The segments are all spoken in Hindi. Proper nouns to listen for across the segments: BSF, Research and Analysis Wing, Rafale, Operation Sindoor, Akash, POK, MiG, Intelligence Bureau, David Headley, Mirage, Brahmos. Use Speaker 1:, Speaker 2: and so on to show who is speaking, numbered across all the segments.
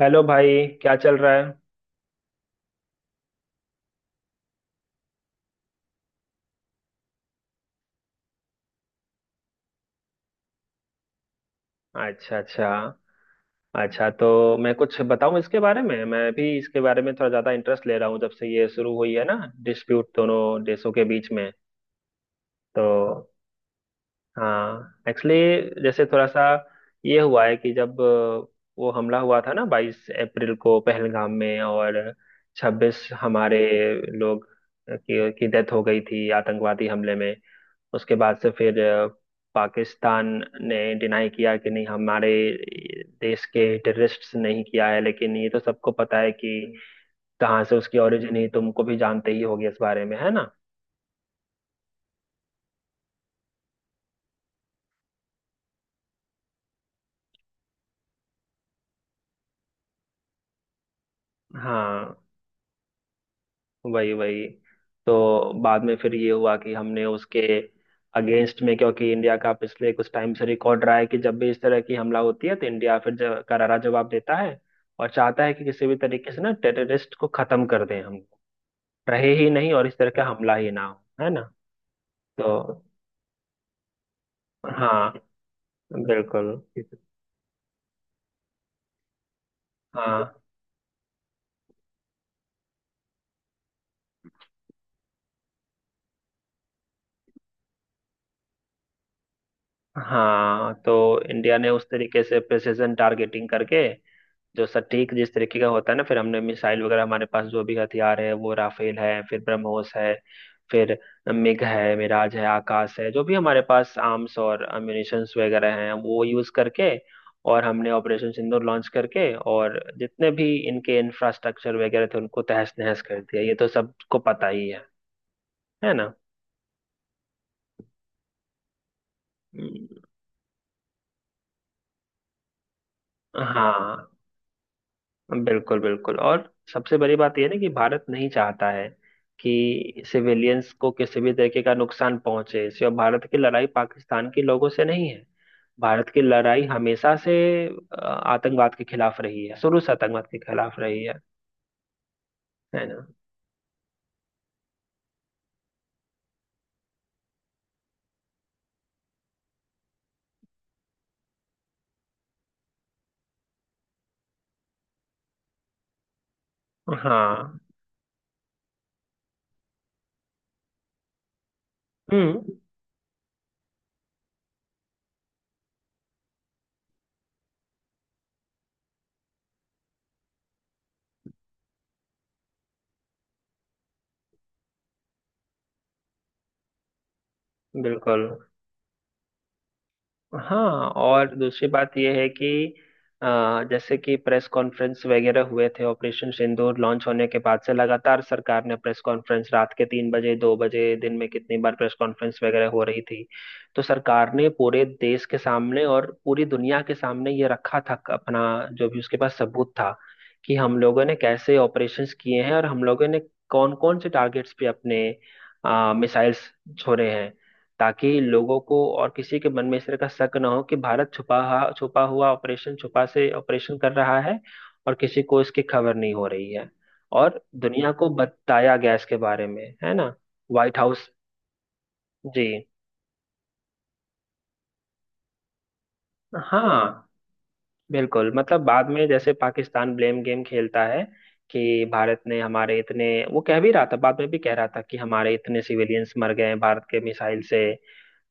Speaker 1: हेलो भाई, क्या चल रहा है। अच्छा, अच्छा। अच्छा तो मैं कुछ बताऊं इसके बारे में। मैं भी इसके बारे में थोड़ा ज़्यादा इंटरेस्ट ले रहा हूँ जब से ये शुरू हुई है ना, डिस्प्यूट दोनों देशों के बीच में। तो, हाँ, एक्चुअली, जैसे थोड़ा सा ये हुआ है कि जब वो हमला हुआ था ना 22 अप्रैल को पहलगाम में, और 26 हमारे लोग की डेथ हो गई थी आतंकवादी हमले में। उसके बाद से फिर पाकिस्तान ने डिनाई किया कि नहीं, हमारे देश के टेररिस्ट्स नहीं किया है, लेकिन ये तो सबको पता है कि कहाँ से उसकी ओरिजिन है, तुमको भी जानते ही होगी इस बारे में, है ना। हाँ, वही वही। तो बाद में फिर ये हुआ कि हमने उसके अगेंस्ट में, क्योंकि इंडिया का पिछले कुछ टाइम से रिकॉर्ड रहा है कि जब भी इस तरह की हमला होती है तो इंडिया फिर करारा जवाब देता है, और चाहता है कि किसी भी तरीके से ना टेररिस्ट को खत्म कर दें, हम रहे ही नहीं और इस तरह का हमला ही ना हो, है ना। तो हाँ, बिल्कुल। हाँ हाँ, तो इंडिया ने उस तरीके से प्रिसिजन टारगेटिंग करके, जो सटीक जिस तरीके का होता है ना, फिर हमने मिसाइल वगैरह, हमारे पास जो भी हथियार है, वो राफेल है, फिर ब्रह्मोस है, फिर मिग है, मिराज है, आकाश है, जो भी हमारे पास आर्म्स और अम्यूनिशंस वगैरह हैं, वो यूज करके, और हमने ऑपरेशन सिंदूर लॉन्च करके, और जितने भी इनके इंफ्रास्ट्रक्चर वगैरह थे उनको तहस नहस कर दिया। ये तो सबको पता ही है ना। हम्म, हाँ, बिल्कुल बिल्कुल। और सबसे बड़ी बात यह है ना कि भारत नहीं चाहता है कि सिविलियंस को किसी भी तरीके का नुकसान पहुंचे। सिर्फ भारत की लड़ाई पाकिस्तान के लोगों से नहीं है, भारत की लड़ाई हमेशा से आतंकवाद के खिलाफ रही है, शुरू से आतंकवाद के खिलाफ रही है ना। हाँ। हम्म। बिल्कुल। हाँ, और दूसरी बात यह है कि अ, जैसे कि प्रेस कॉन्फ्रेंस वगैरह हुए थे ऑपरेशन सिंदूर लॉन्च होने के बाद से, लगातार सरकार ने प्रेस कॉन्फ्रेंस, रात के 3 बजे, 2 बजे, दिन में कितनी बार प्रेस कॉन्फ्रेंस वगैरह हो रही थी। तो सरकार ने पूरे देश के सामने और पूरी दुनिया के सामने ये रखा था अपना, जो भी उसके पास सबूत था, कि हम लोगों ने कैसे ऑपरेशंस किए हैं और हम लोगों ने कौन कौन से टारगेट्स पे अपने मिसाइल्स छोड़े हैं, ताकि लोगों को और किसी के मन में इस तरह का शक ना हो कि भारत छुपा हा- छुपा हुआ ऑपरेशन छुपा से ऑपरेशन कर रहा है और किसी को इसकी खबर नहीं हो रही है, और दुनिया को बताया गया इसके बारे में, है ना। White House. जी। हाँ, बिल्कुल, मतलब बाद में जैसे पाकिस्तान ब्लेम गेम खेलता है कि भारत ने हमारे इतने, वो कह भी रहा था, बाद में भी कह रहा था कि हमारे इतने सिविलियंस मर गए हैं भारत के मिसाइल से,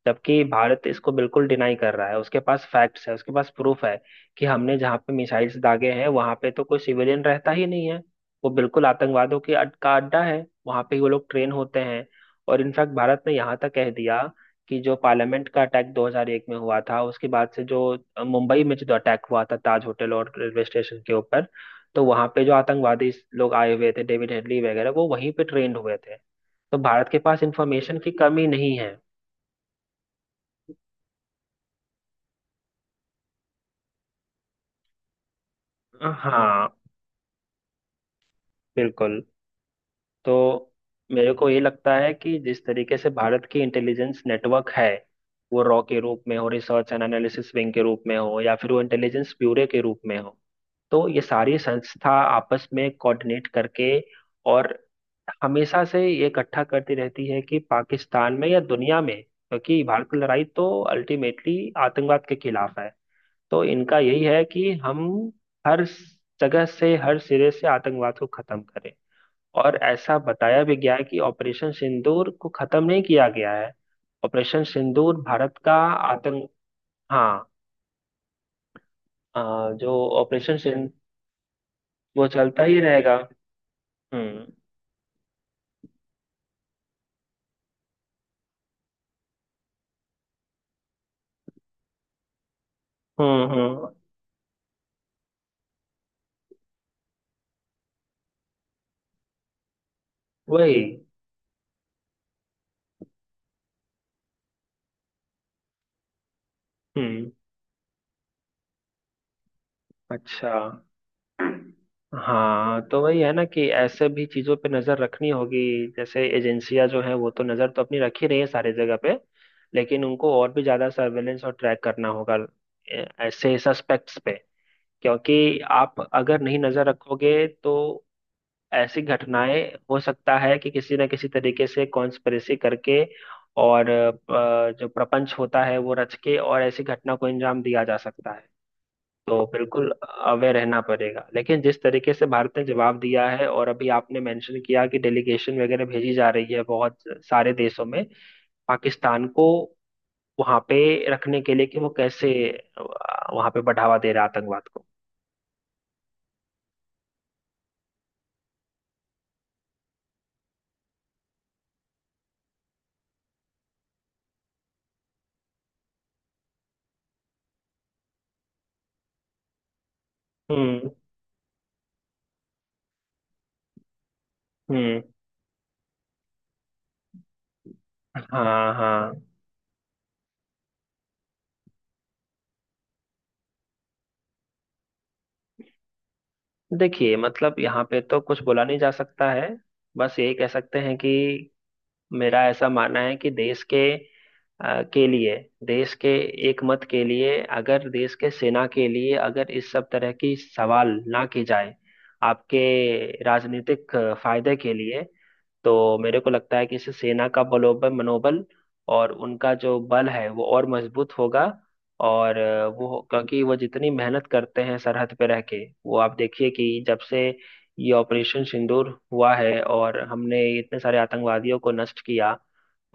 Speaker 1: जबकि भारत इसको बिल्कुल डिनाई कर रहा है, उसके पास फैक्ट्स है, उसके पास प्रूफ है कि हमने जहाँ पे मिसाइल्स दागे हैं वहां पे तो कोई सिविलियन रहता ही नहीं है, वो बिल्कुल आतंकवादियों की का अड्डा है, वहां पे ही वो लोग ट्रेन होते हैं। और इनफैक्ट भारत ने यहाँ तक कह दिया कि जो पार्लियामेंट का अटैक 2001 में हुआ था, उसके बाद से जो मुंबई में जो अटैक हुआ था ताज होटल और रेलवे स्टेशन के ऊपर, तो वहां पे जो आतंकवादी लोग आए हुए थे, डेविड हेडली वगैरह, वो वहीं पे ट्रेंड हुए थे। तो भारत के पास इंफॉर्मेशन की कमी नहीं है। हाँ, बिल्कुल। तो मेरे को ये लगता है कि जिस तरीके से भारत की इंटेलिजेंस नेटवर्क है, वो रॉ के रूप में हो, रिसर्च एंड एनालिसिस विंग के रूप में हो, या फिर वो इंटेलिजेंस ब्यूरो के रूप में हो, तो ये सारी संस्था आपस में कोऑर्डिनेट करके, और हमेशा से ये इकट्ठा करती रहती है कि पाकिस्तान में या दुनिया में, क्योंकि भारत की लड़ाई तो अल्टीमेटली आतंकवाद के खिलाफ है, तो इनका यही है कि हम हर जगह से, हर सिरे से आतंकवाद को खत्म करें। और ऐसा बताया भी गया है कि ऑपरेशन सिंदूर को खत्म नहीं किया गया है, ऑपरेशन सिंदूर भारत का आतंक, हाँ, अ, जो ऑपरेशन सिंद वो चलता ही रहेगा। हम्म। हम्म। वही। हम्म। अच्छा, हाँ, तो वही है ना कि ऐसे भी चीजों पे नजर रखनी होगी। जैसे एजेंसियां जो है वो तो नजर तो अपनी रख ही रही है सारी जगह पे, लेकिन उनको और भी ज्यादा सर्वेलेंस और ट्रैक करना होगा ऐसे सस्पेक्ट्स पे, क्योंकि आप अगर नहीं नजर रखोगे तो ऐसी घटनाएं हो सकता है कि किसी न किसी तरीके से कॉन्स्पिरेसी करके और जो प्रपंच होता है वो रच के और ऐसी घटना को अंजाम दिया जा सकता है। तो बिल्कुल अवेयर रहना पड़ेगा। लेकिन जिस तरीके से भारत ने जवाब दिया है, और अभी आपने मेंशन किया कि डेलीगेशन वगैरह भेजी जा रही है बहुत सारे देशों में पाकिस्तान को वहां पे रखने के लिए कि वो कैसे अ, वहां पे बढ़ावा दे रहा है आतंकवाद को। हम्म। हम्म। हाँ हाँ, देखिए मतलब यहाँ पे तो कुछ बोला नहीं जा सकता है, बस यही कह सकते हैं कि मेरा ऐसा मानना है कि देश के के लिए, देश के एकमत के लिए, अगर देश के सेना के लिए अगर इस सब तरह की सवाल ना की जाए आपके राजनीतिक फायदे के लिए, तो मेरे को लगता है कि इससे सेना का बलोबल मनोबल और उनका जो बल है वो और मजबूत होगा। और वो, क्योंकि वो जितनी मेहनत करते हैं सरहद पे रह के, वो आप देखिए कि जब से ये ऑपरेशन सिंदूर हुआ है और हमने इतने सारे आतंकवादियों को नष्ट किया,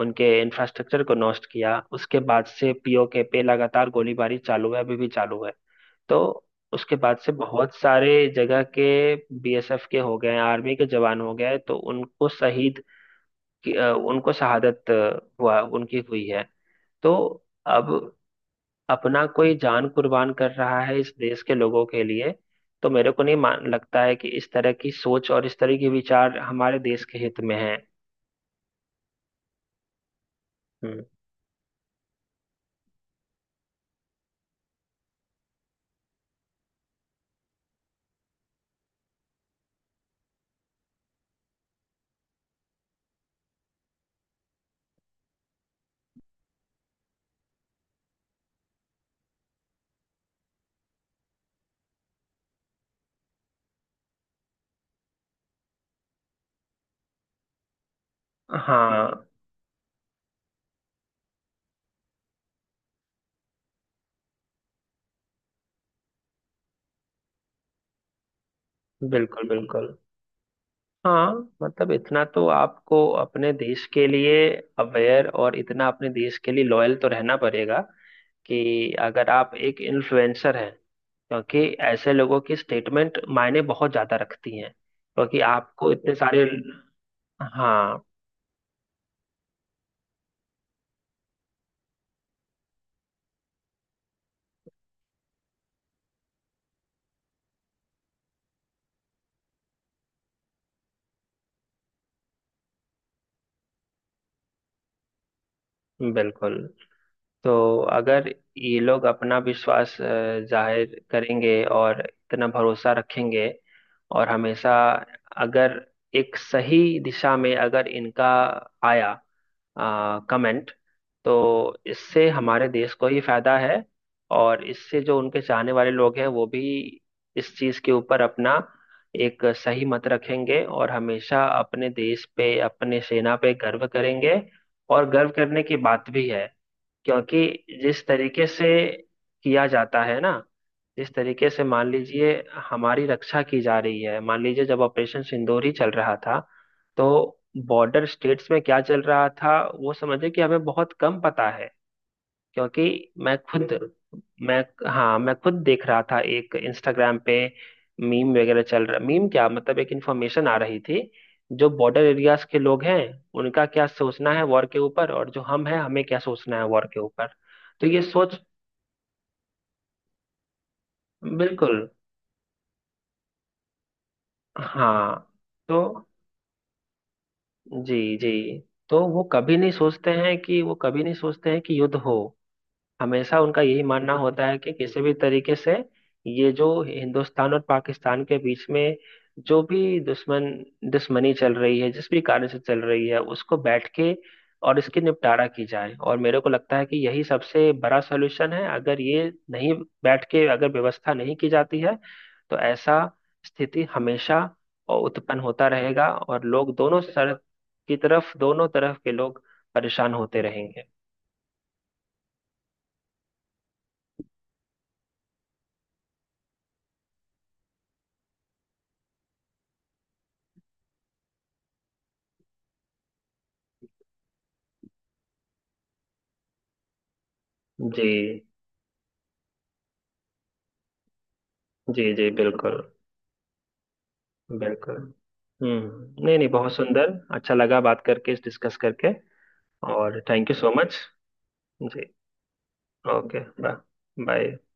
Speaker 1: उनके इंफ्रास्ट्रक्चर को नष्ट किया, उसके बाद से पीओके पे लगातार गोलीबारी चालू है, अभी भी चालू है। तो उसके बाद से बहुत सारे जगह के बीएसएफ के हो गए, आर्मी के जवान हो गए, तो उनको शहीद, उनको शहादत हुआ, उनकी हुई है। तो अब अपना कोई जान कुर्बान कर रहा है इस देश के लोगों के लिए, तो मेरे को नहीं मान लगता है कि इस तरह की सोच और इस तरह के विचार हमारे देश के हित में है। हम्म, हाँ, बिल्कुल बिल्कुल। हाँ मतलब इतना तो आपको अपने देश के लिए अवेयर, और इतना अपने देश के लिए लॉयल तो रहना पड़ेगा कि अगर आप एक इन्फ्लुएंसर हैं, क्योंकि ऐसे लोगों की स्टेटमेंट मायने बहुत ज्यादा रखती हैं क्योंकि आपको इतने सारे, हाँ, बिल्कुल। तो अगर ये लोग अपना विश्वास जाहिर करेंगे और इतना भरोसा रखेंगे, और हमेशा अगर एक सही दिशा में अगर इनका आया कमेंट, तो इससे हमारे देश को ही फायदा है। और इससे जो उनके चाहने वाले लोग हैं वो भी इस चीज के ऊपर अपना एक सही मत रखेंगे और हमेशा अपने देश पे, अपने सेना पे गर्व करेंगे। और गर्व करने की बात भी है, क्योंकि जिस तरीके से किया जाता है ना, जिस तरीके से मान लीजिए हमारी रक्षा की जा रही है, मान लीजिए जब ऑपरेशन सिंदूर ही चल रहा था, तो बॉर्डर स्टेट्स में क्या चल रहा था वो समझे कि हमें बहुत कम पता है, क्योंकि मैं खुद मैं हाँ, मैं खुद देख रहा था एक इंस्टाग्राम पे मीम वगैरह चल रहा, मीम क्या मतलब एक इंफॉर्मेशन आ रही थी, जो बॉर्डर एरियाज के लोग हैं उनका क्या सोचना है वॉर के ऊपर और जो हम हैं हमें क्या सोचना है वॉर के ऊपर। तो ये सोच, बिल्कुल, हाँ। तो जी जी, तो वो कभी नहीं सोचते हैं कि युद्ध हो, हमेशा उनका यही मानना होता है कि किसी भी तरीके से ये जो हिंदुस्तान और पाकिस्तान के बीच में जो भी दुश्मनी चल रही है, जिस भी कारण से चल रही है, उसको बैठ के और इसके निपटारा की जाए। और मेरे को लगता है कि यही सबसे बड़ा सलूशन है। अगर ये नहीं बैठ के अगर व्यवस्था नहीं की जाती है, तो ऐसा स्थिति हमेशा उत्पन्न होता रहेगा और लोग दोनों सर की तरफ, दोनों तरफ के लोग परेशान होते रहेंगे। जी जी। जी, बिल्कुल बिल्कुल। हम्म, नहीं नहीं बहुत सुंदर, अच्छा लगा बात करके, डिस्कस करके। और थैंक यू सो मच। जी। Okay, bye. बाय।